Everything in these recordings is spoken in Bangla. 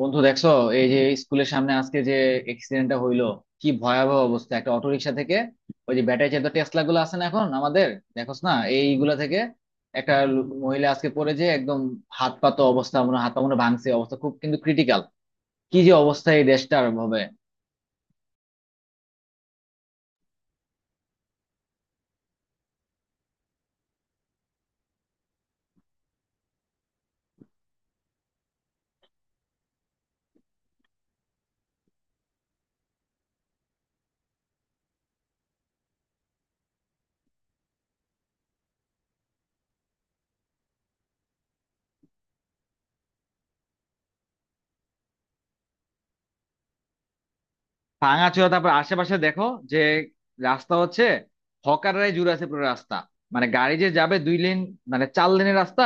বন্ধু, দেখছো? এই যে স্কুলের সামনে আজকে যে এক্সিডেন্টটা হইলো, কি ভয়াবহ অবস্থা! একটা অটোরিকশা থেকে, ওই যে ব্যাটারি চালিত টেসলা গুলো আছে না এখন আমাদের, দেখোস না এইগুলা থেকে একটা মহিলা আজকে পড়ে যে, একদম হাত পা মনে হয় ভাঙছে, অবস্থা খুব কিন্তু ক্রিটিক্যাল। কি যে অবস্থা এই দেশটার হবে! ভাঙাচোরা, তারপর আশেপাশে দেখো যে রাস্তা হচ্ছে হকাররাই জুড়ে আছে পুরো রাস্তা। মানে গাড়ি যে যাবে 2 লেন, মানে 4 লেনের রাস্তা,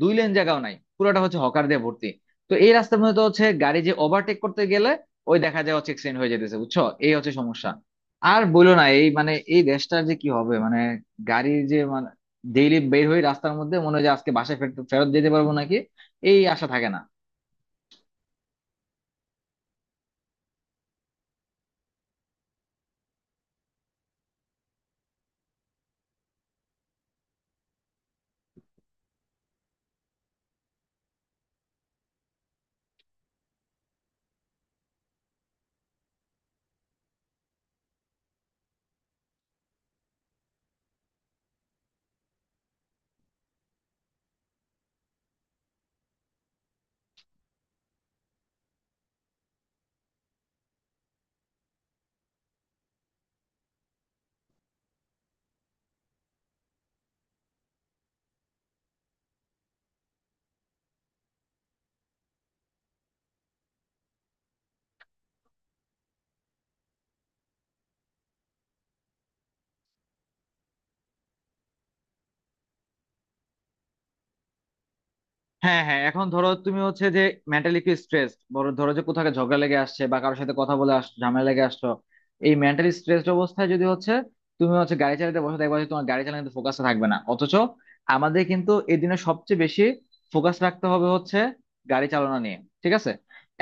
2 লেন জায়গাও নাই, পুরোটা হচ্ছে হকার দিয়ে ভর্তি। তো এই রাস্তার মধ্যে তো হচ্ছে গাড়ি যে ওভারটেক করতে গেলে ওই দেখা যায় হচ্ছে এক্সিডেন্ট হয়ে যেতেছে, বুঝছো? এই হচ্ছে সমস্যা। আর বইলো না, এই মানে এই দেশটার যে কি হবে, মানে গাড়ির যে, মানে ডেইলি বের হয়ে রাস্তার মধ্যে মনে হয় যে আজকে বাসায় ফেরত ফেরত যেতে পারবো নাকি, এই আশা থাকে না। হ্যাঁ হ্যাঁ, এখন ধরো তুমি হচ্ছে যে মেন্টালি একটু স্ট্রেস, বড় ধরো যে কোথাও একটা ঝগড়া লেগে আসছে বা কারোর সাথে কথা বলে আস, ঝামেলা লেগে আসছো, এই মেন্টালি স্ট্রেসড অবস্থায় যদি হচ্ছে তুমি হচ্ছে গাড়ি চালাতে বসে, দেখবা যে তোমার গাড়ি চালানোর ফোকাসে থাকবে না। অথচ আমাদের কিন্তু এই দিনে সবচেয়ে বেশি ফোকাস রাখতে হবে হচ্ছে গাড়ি চালানো নিয়ে, ঠিক আছে?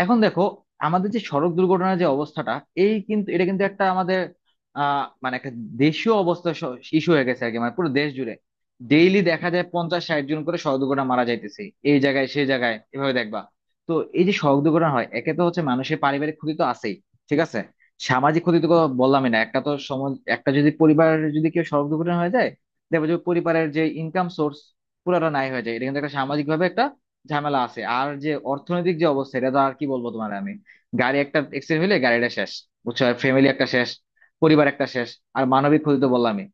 এখন দেখো আমাদের যে সড়ক দুর্ঘটনার যে অবস্থাটা, এই কিন্তু এটা কিন্তু একটা আমাদের মানে একটা দেশীয় অবস্থা, ইস্যু হয়ে গেছে আর কি, মানে পুরো দেশ জুড়ে ডেইলি দেখা যায় 50-60 জন করে সড়ক দুর্ঘটনা মারা যাইতেছে, এই জায়গায় সেই জায়গায়, এভাবে দেখবা। তো এই যে সড়ক দুর্ঘটনা হয়, একে তো হচ্ছে মানুষের পারিবারিক ক্ষতি তো আছেই, ঠিক আছে? সামাজিক ক্ষতি তো কোনো বললামই না, একটা তো সমাজ, একটা যদি পরিবার, যদি কেউ সড়ক দুর্ঘটনা হয়ে যায়, দেখবে যে পরিবারের যে ইনকাম সোর্স পুরোটা নাই হয়ে যায়, এটা কিন্তু একটা সামাজিক ভাবে একটা ঝামেলা আছে। আর যে অর্থনৈতিক যে অবস্থা, এটা তো আর কি বলবো তোমার আমি, গাড়ি একটা এক্সিডেন্ট হলে গাড়িটা শেষ, বুঝছো? ফ্যামিলি একটা শেষ, পরিবার একটা শেষ। আর মানবিক ক্ষতি তো বললামই।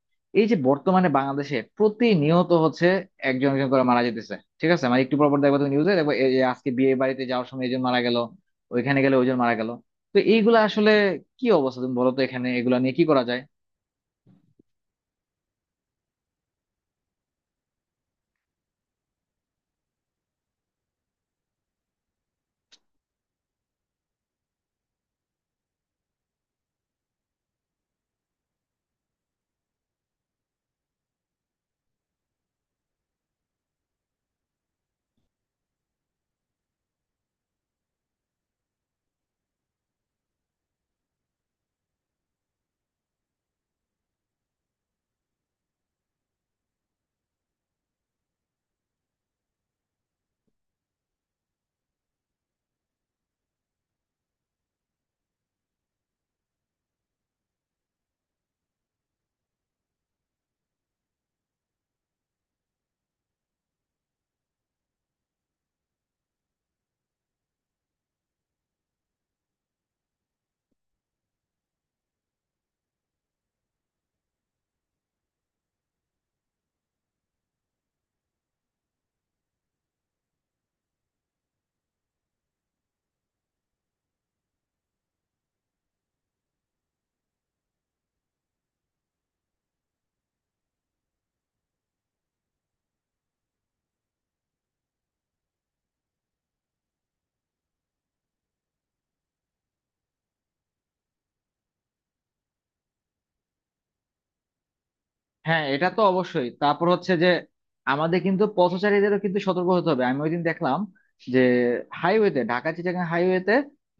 এই যে বর্তমানে বাংলাদেশে প্রতিনিয়ত হচ্ছে একজন একজন করে মারা যেতেছে, ঠিক আছে? মানে একটু পর পর দেখবা তুমি নিউজে দেখবা, এই যে আজকে বিয়ে বাড়িতে যাওয়ার সময় একজন মারা গেল, ওইখানে গেলে ওইজন মারা গেল। তো এইগুলা আসলে কি অবস্থা, তুমি বলো তো, এখানে এগুলা নিয়ে কি করা যায়? হ্যাঁ, এটা তো অবশ্যই। তারপর হচ্ছে যে আমাদের কিন্তু পথচারীদেরও কিন্তু সতর্ক হতে হবে। আমি ওইদিন দেখলাম যে হাইওয়েতে, ঢাকা চিটাগাং হাইওয়েতে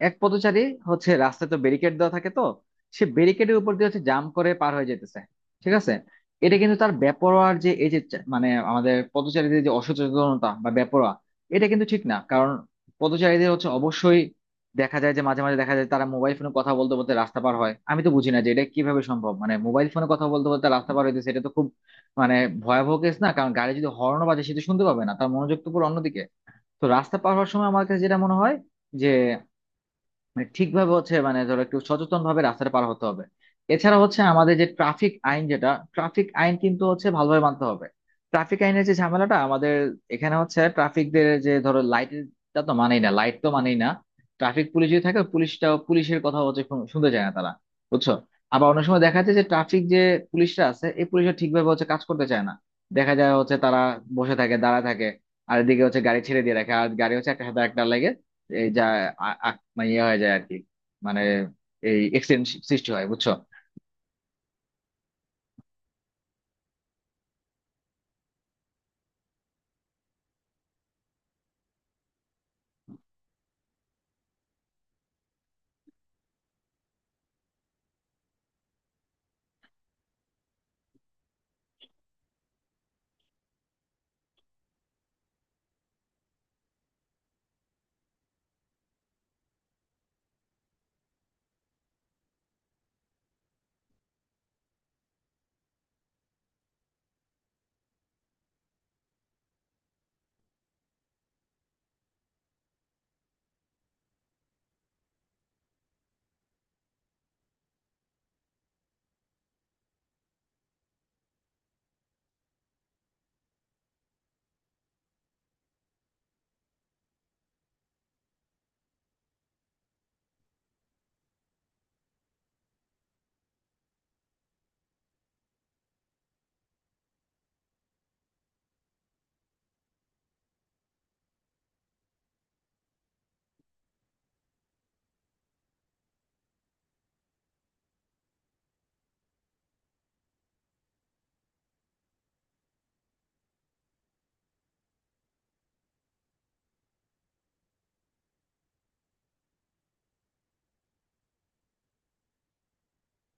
এক পথচারী হচ্ছে রাস্তায় তো ব্যারিকেড দেওয়া থাকে তো সে ব্যারিকেডের উপর দিয়ে হচ্ছে জাম্প করে পার হয়ে যেতেছে, ঠিক আছে? এটা কিন্তু তার বেপরোয়ার যে এই যে মানে আমাদের পথচারীদের যে অসচেতনতা বা বেপরোয়া, এটা কিন্তু ঠিক না। কারণ পথচারীদের হচ্ছে অবশ্যই দেখা যায় যে মাঝে মাঝে দেখা যায় তারা মোবাইল ফোনে কথা বলতে বলতে রাস্তা পার হয়, আমি তো বুঝি না যে এটা কিভাবে সম্ভব, মানে মোবাইল ফোনে কথা বলতে বলতে রাস্তা পার হইতেছে, এটা তো খুব মানে ভয়াবহ কেস না? কারণ গাড়ি যদি হর্ন বাজে সেটা শুনতে পাবে না, তার মনোযোগ তো পুরো অন্যদিকে। তো রাস্তা পার হওয়ার সময় আমার কাছে যেটা মনে হয় যে মানে ঠিকভাবে হচ্ছে, মানে ধরো একটু সচেতন ভাবে রাস্তাটা পার হতে হবে। এছাড়া হচ্ছে আমাদের যে ট্রাফিক আইন যেটা, ট্রাফিক আইন কিন্তু হচ্ছে ভালোভাবে মানতে হবে। ট্রাফিক আইনের যে ঝামেলাটা আমাদের এখানে হচ্ছে, ট্রাফিকদের যে ধরো লাইটটা তো মানেই না, লাইট তো মানেই না। ট্রাফিক পুলিশ যদি থাকে, পুলিশটা, পুলিশের কথা হচ্ছে শুনতে চায় না তারা, বুঝছো? আবার অনেক সময় দেখা যায় যে ট্রাফিক যে পুলিশরা আছে, এই পুলিশরা ঠিকভাবে হচ্ছে কাজ করতে চায় না, দেখা যায় হচ্ছে তারা বসে থাকে, দাঁড়া থাকে, আর এদিকে হচ্ছে গাড়ি ছেড়ে দিয়ে রাখে আর গাড়ি হচ্ছে একটা সাথে একটা লাগে, এই যা, মানে ইয়ে হয়ে যায় আর কি, মানে এই এক্সিডেন্ট সৃষ্টি হয়, বুঝছো?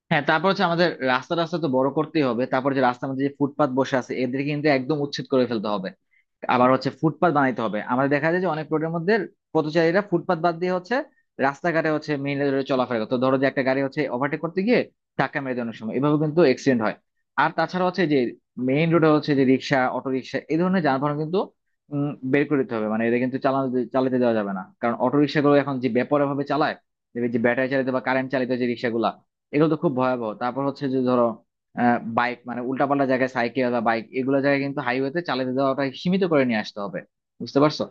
হ্যাঁ, তারপর হচ্ছে আমাদের রাস্তা রাস্তা তো বড় করতেই হবে। তারপর যে রাস্তার মধ্যে যে ফুটপাত বসে আছে এদের কিন্তু একদম উচ্ছেদ করে ফেলতে হবে, আবার হচ্ছে ফুটপাত বানাইতে হবে। আমাদের দেখা যায় যে অনেক রোডের মধ্যে পথচারীরা ফুটপাত বাদ দিয়ে হচ্ছে রাস্তাঘাটে হচ্ছে মেইন রোডে চলাফেরা করে, তো ধরো যে একটা গাড়ি হচ্ছে ওভারটেক করতে গিয়ে ধাক্কা মেরে দেয়, অনেক সময় এভাবে কিন্তু অ্যাক্সিডেন্ট হয়। আর তাছাড়া হচ্ছে যে মেইন রোডে হচ্ছে যে রিক্সা, অটো রিক্সা, এই ধরনের যানবাহন কিন্তু বের করে দিতে হবে, মানে এদের কিন্তু চালানো, চালাতে দেওয়া যাবে না, কারণ অটো রিক্সাগুলো এখন যে বেপরোয়া ভাবে চালায়, দেখবে যে ব্যাটারি চালিত বা কারেন্ট চালিত যে রিক্সাগুলা, এগুলো তো খুব ভয়াবহ। তারপর হচ্ছে যে ধরো বাইক, মানে উল্টাপাল্টা জায়গায় সাইকেল বা বাইক এগুলো জায়গায় কিন্তু, হাইওয়েতে চালাতে দেওয়াটা সীমিত করে নিয়ে আসতে হবে, বুঝতে পারছো?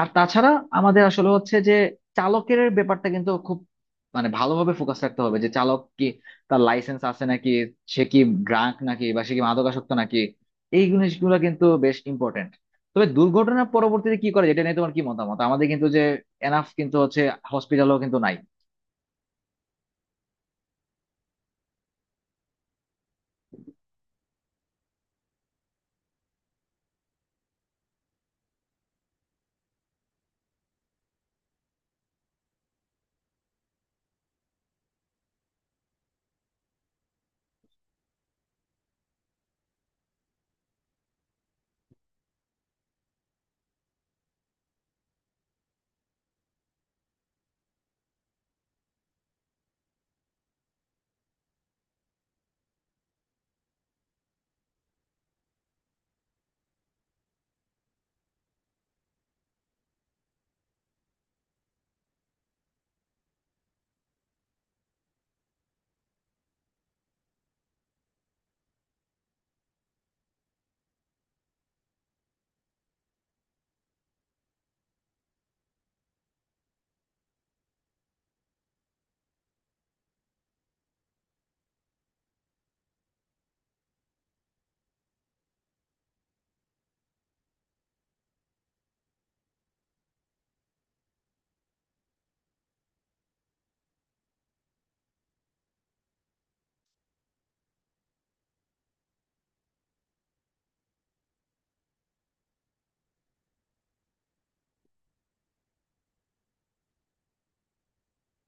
আর তাছাড়া আমাদের আসলে হচ্ছে যে চালকের ব্যাপারটা কিন্তু খুব মানে ভালোভাবে ফোকাস রাখতে হবে, যে চালক কি তার লাইসেন্স আছে নাকি, সে কি ড্রাঙ্ক নাকি, বা সে কি মাদকাসক্ত নাকি, এই জিনিসগুলো কিন্তু বেশ ইম্পর্টেন্ট। তবে দুর্ঘটনার পরবর্তীতে কি করে, যেটা নিয়ে তোমার কি মতামত? আমাদের কিন্তু যে এনাফ কিন্তু হচ্ছে হসপিটালও কিন্তু নাই।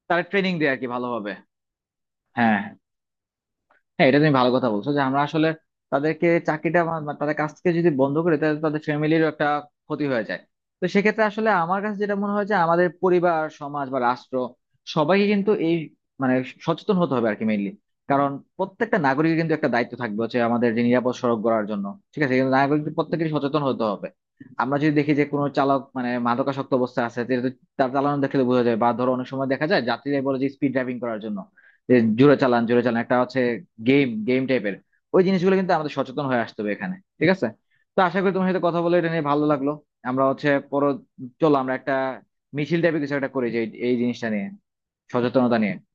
তারা ট্রেনিং দেয় আর কি, ভালোভাবে। হ্যাঁ হ্যাঁ, এটা তুমি ভালো কথা বলছো যে আমরা আসলে তাদেরকে চাকরিটা বা তাদের কাছ থেকে যদি বন্ধ করে, তাহলে তাদের ফ্যামিলিরও একটা ক্ষতি হয়ে যায়। তো সেক্ষেত্রে আসলে আমার কাছে যেটা মনে হয় যে আমাদের পরিবার, সমাজ বা রাষ্ট্র, সবাইকে কিন্তু এই মানে সচেতন হতে হবে আর কি, মেইনলি। কারণ প্রত্যেকটা নাগরিকের কিন্তু একটা দায়িত্ব থাকবে হচ্ছে আমাদের যে নিরাপদ সড়ক গড়ার জন্য, ঠিক আছে? কিন্তু নাগরিকদের প্রত্যেকেরই সচেতন হতে হবে। আমরা যদি দেখি যে কোনো চালক মানে মাদকাসক্ত অবস্থায় আছে, যেহেতু তার চালানো দেখলে বোঝা যায়, বা ধরো অনেক সময় দেখা যায় যাত্রীরা বলে যে স্পিড ড্রাইভিং করার জন্য যে জোরে চালান জোরে চালান, একটা হচ্ছে গেম গেম টাইপের, ওই জিনিসগুলো কিন্তু আমাদের সচেতন হয়ে আসতে হবে এখানে, ঠিক আছে? তো আশা করি তোমার সাথে কথা বলে এটা নিয়ে ভালো লাগলো। আমরা হচ্ছে পর, চলো আমরা একটা মিছিল টাইপের কিছু একটা করি যে এই এই জিনিসটা নিয়ে, সচেতনতা নিয়ে।